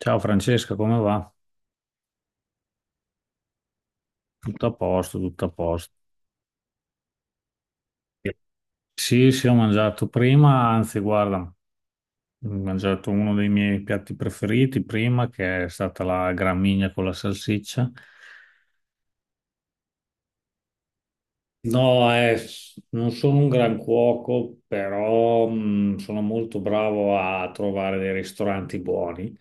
Ciao Francesca, come va? Tutto a posto, tutto a posto. Sì, sì, ho mangiato prima, anzi, guarda, ho mangiato uno dei miei piatti preferiti prima, che è stata la gramigna con la salsiccia. No, non sono un gran cuoco, però sono molto bravo a trovare dei ristoranti buoni.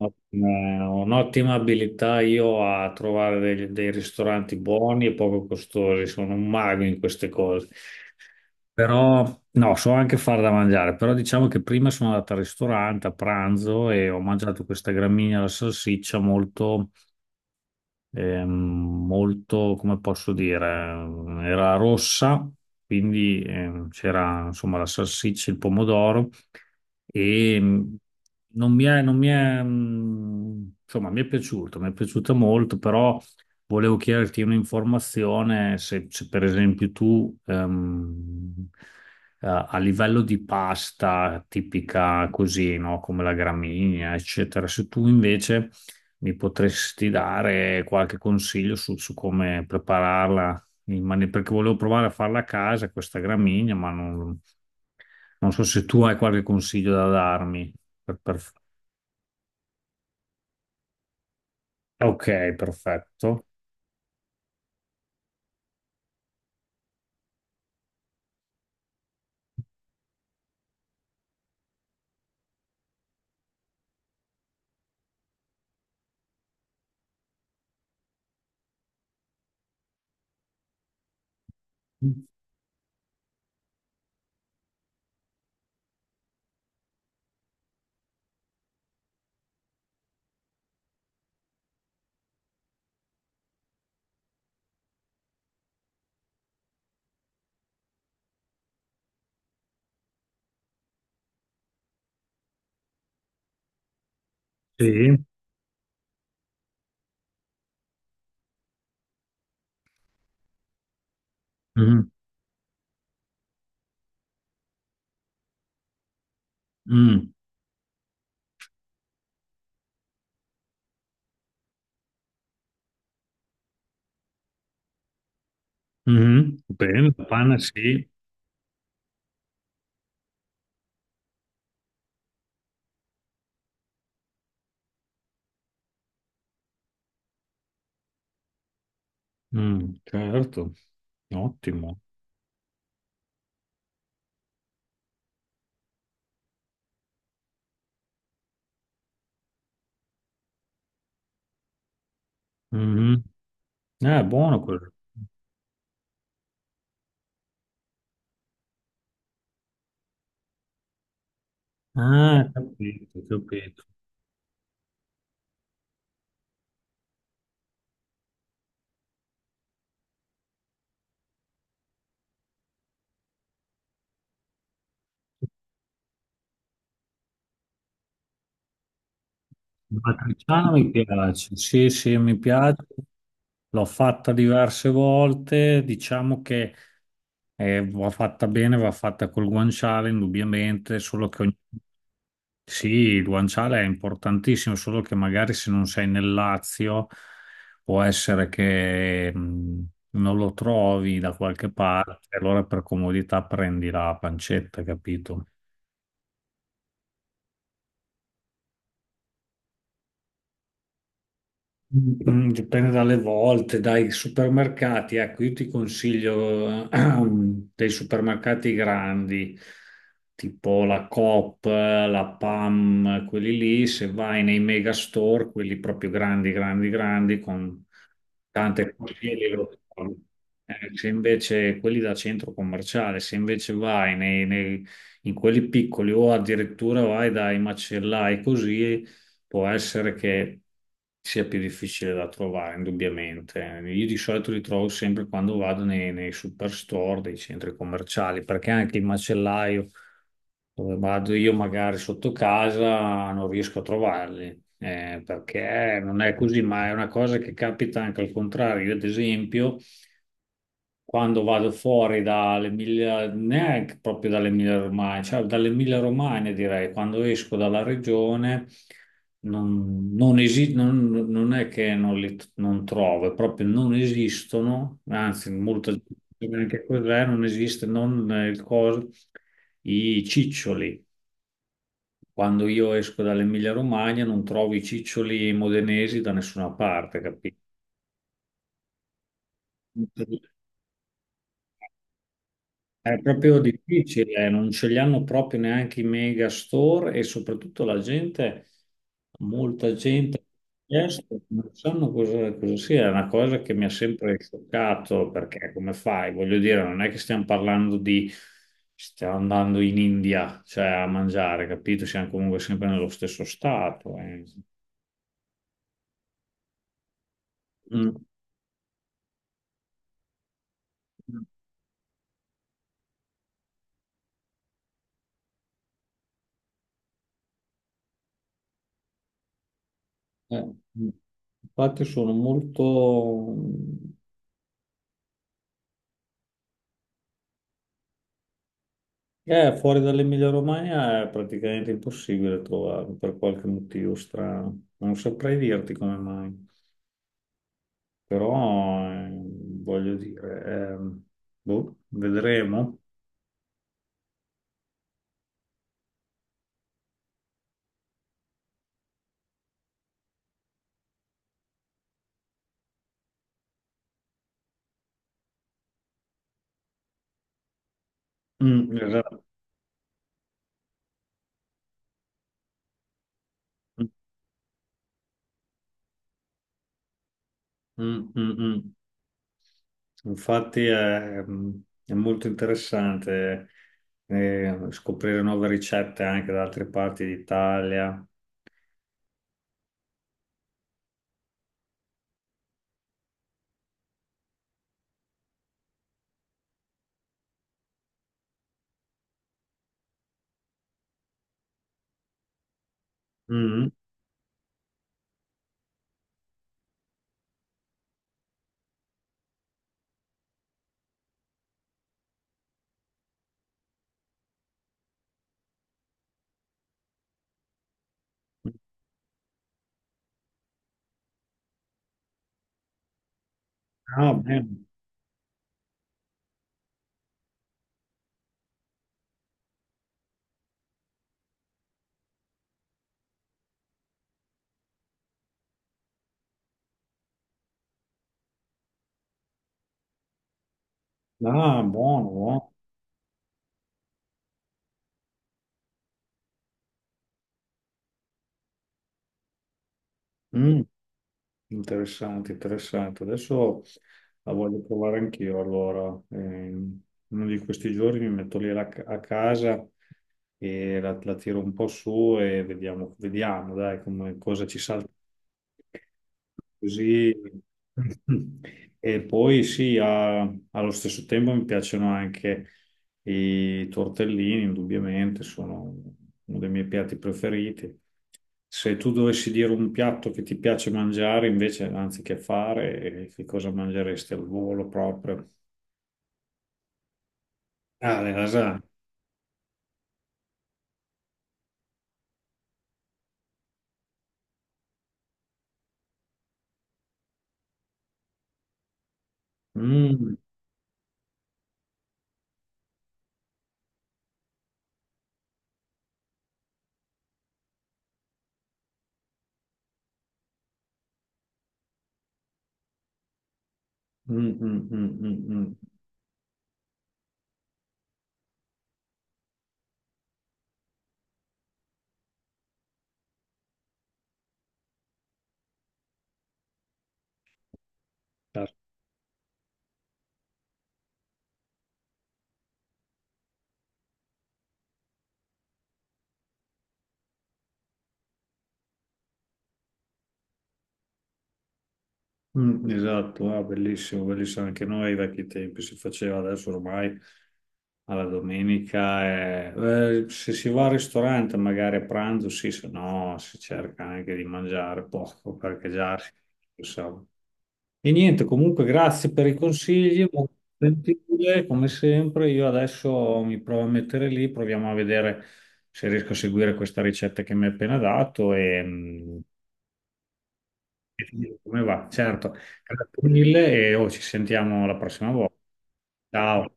Eh, Un'ottima abilità io a trovare dei ristoranti buoni e poco costosi, sono un mago in queste cose. Però no, so anche far da mangiare, però diciamo che prima sono andato al ristorante a pranzo e ho mangiato questa gramigna alla salsiccia molto molto, come posso dire, era rossa, quindi c'era insomma la salsiccia, il pomodoro e non mi è, non mi è, insomma, mi è piaciuto, mi è piaciuta molto, però volevo chiederti un'informazione se per esempio tu a livello di pasta tipica così, no, come la gramigna, eccetera, se tu invece mi potresti dare qualche consiglio su come prepararla, perché volevo provare a farla a casa questa gramigna, ma non so se tu hai qualche consiglio da darmi. Per- per- Ok, perfetto. Sì. Mhm. Mm. Mhm. Bene, la panna sì. Mm, certo, ottimo. Mhm. Buono quello. Ah, capito, capito. La matriciana mi piace, sì, sì, mi piace. L'ho fatta diverse volte, diciamo che va fatta bene, va fatta col guanciale, indubbiamente, solo che sì, il guanciale è importantissimo, solo che magari se non sei nel Lazio può essere che non lo trovi da qualche parte, allora per comodità prendi la pancetta, capito? Mm, dipende dalle volte, dai supermercati. Ecco, io ti consiglio dei supermercati grandi, tipo la Coop, la PAM, quelli lì. Se vai nei mega store, quelli proprio grandi, grandi, grandi, con tante cose, lì lo trovi. Se invece quelli da centro commerciale, se invece in quelli piccoli o addirittura vai dai macellai così può essere che sia più difficile da trovare, indubbiamente. Io di solito li trovo sempre quando vado nei superstore, dei centri commerciali, perché anche il macellaio dove vado io magari sotto casa non riesco a trovarli, perché non è così, ma è una cosa che capita anche al contrario. Io, ad esempio, quando vado fuori dall'Emilia, neanche proprio dall'Emilia Romagna, cioè dall'Emilia Romagna direi, quando esco dalla regione non è che non li non trovo, è proprio non esistono, anzi molto neanche cos'è, non esiste, non il coso, i ciccioli. Quando io esco dall'Emilia Romagna non trovo i ciccioli modenesi da nessuna parte, capito? È proprio difficile, non ce li hanno proprio neanche i mega store e soprattutto la gente, molta gente ha chiesto, non sanno cosa sia, è una cosa che mi ha sempre scioccato perché come fai? Voglio dire, non è che stiamo parlando di, stiamo andando in India, cioè a mangiare, capito? Siamo comunque sempre nello stesso stato. Eh. Mm. Eh, mm. Infatti sono molto... fuori dall'Emilia Romagna è praticamente impossibile trovarlo per qualche motivo strano. Non saprei dirti come mai, però voglio dire, boh, vedremo. Mm, esatto. Mm, mm, mm. Mm. Infatti è molto interessante scoprire nuove ricette anche da altre parti d'Italia. Mm. Ah, bene. Ah, buono, buono. Mm. Interessante, interessante. Adesso la voglio provare anch'io. Allora, uno di questi giorni mi metto a casa e la tiro un po' su e vediamo, vediamo, dai, come, cosa ci salta. Così. E poi sì, allo stesso tempo mi piacciono anche i tortellini, indubbiamente, sono uno dei miei piatti preferiti. Se tu dovessi dire un piatto che ti piace mangiare invece, anziché fare, che cosa mangeresti al volo proprio? Ah, le lasagne. Mm, mm, mm, mm, mm, mm. Ah, mm, esatto, ah, bellissimo, bellissimo. Anche noi ai vecchi tempi si faceva adesso ormai alla domenica. Se si va al ristorante, magari a pranzo, sì, se no si cerca anche di mangiare poco perché già si sa. E niente, comunque grazie per i consigli, molto gentile, come sempre. Io adesso mi provo a mettere lì, proviamo a vedere se riesco a seguire questa ricetta che mi hai appena dato e, mm, e ti dico come va. Certo, grazie mille e oh, ci sentiamo la prossima volta. Ciao.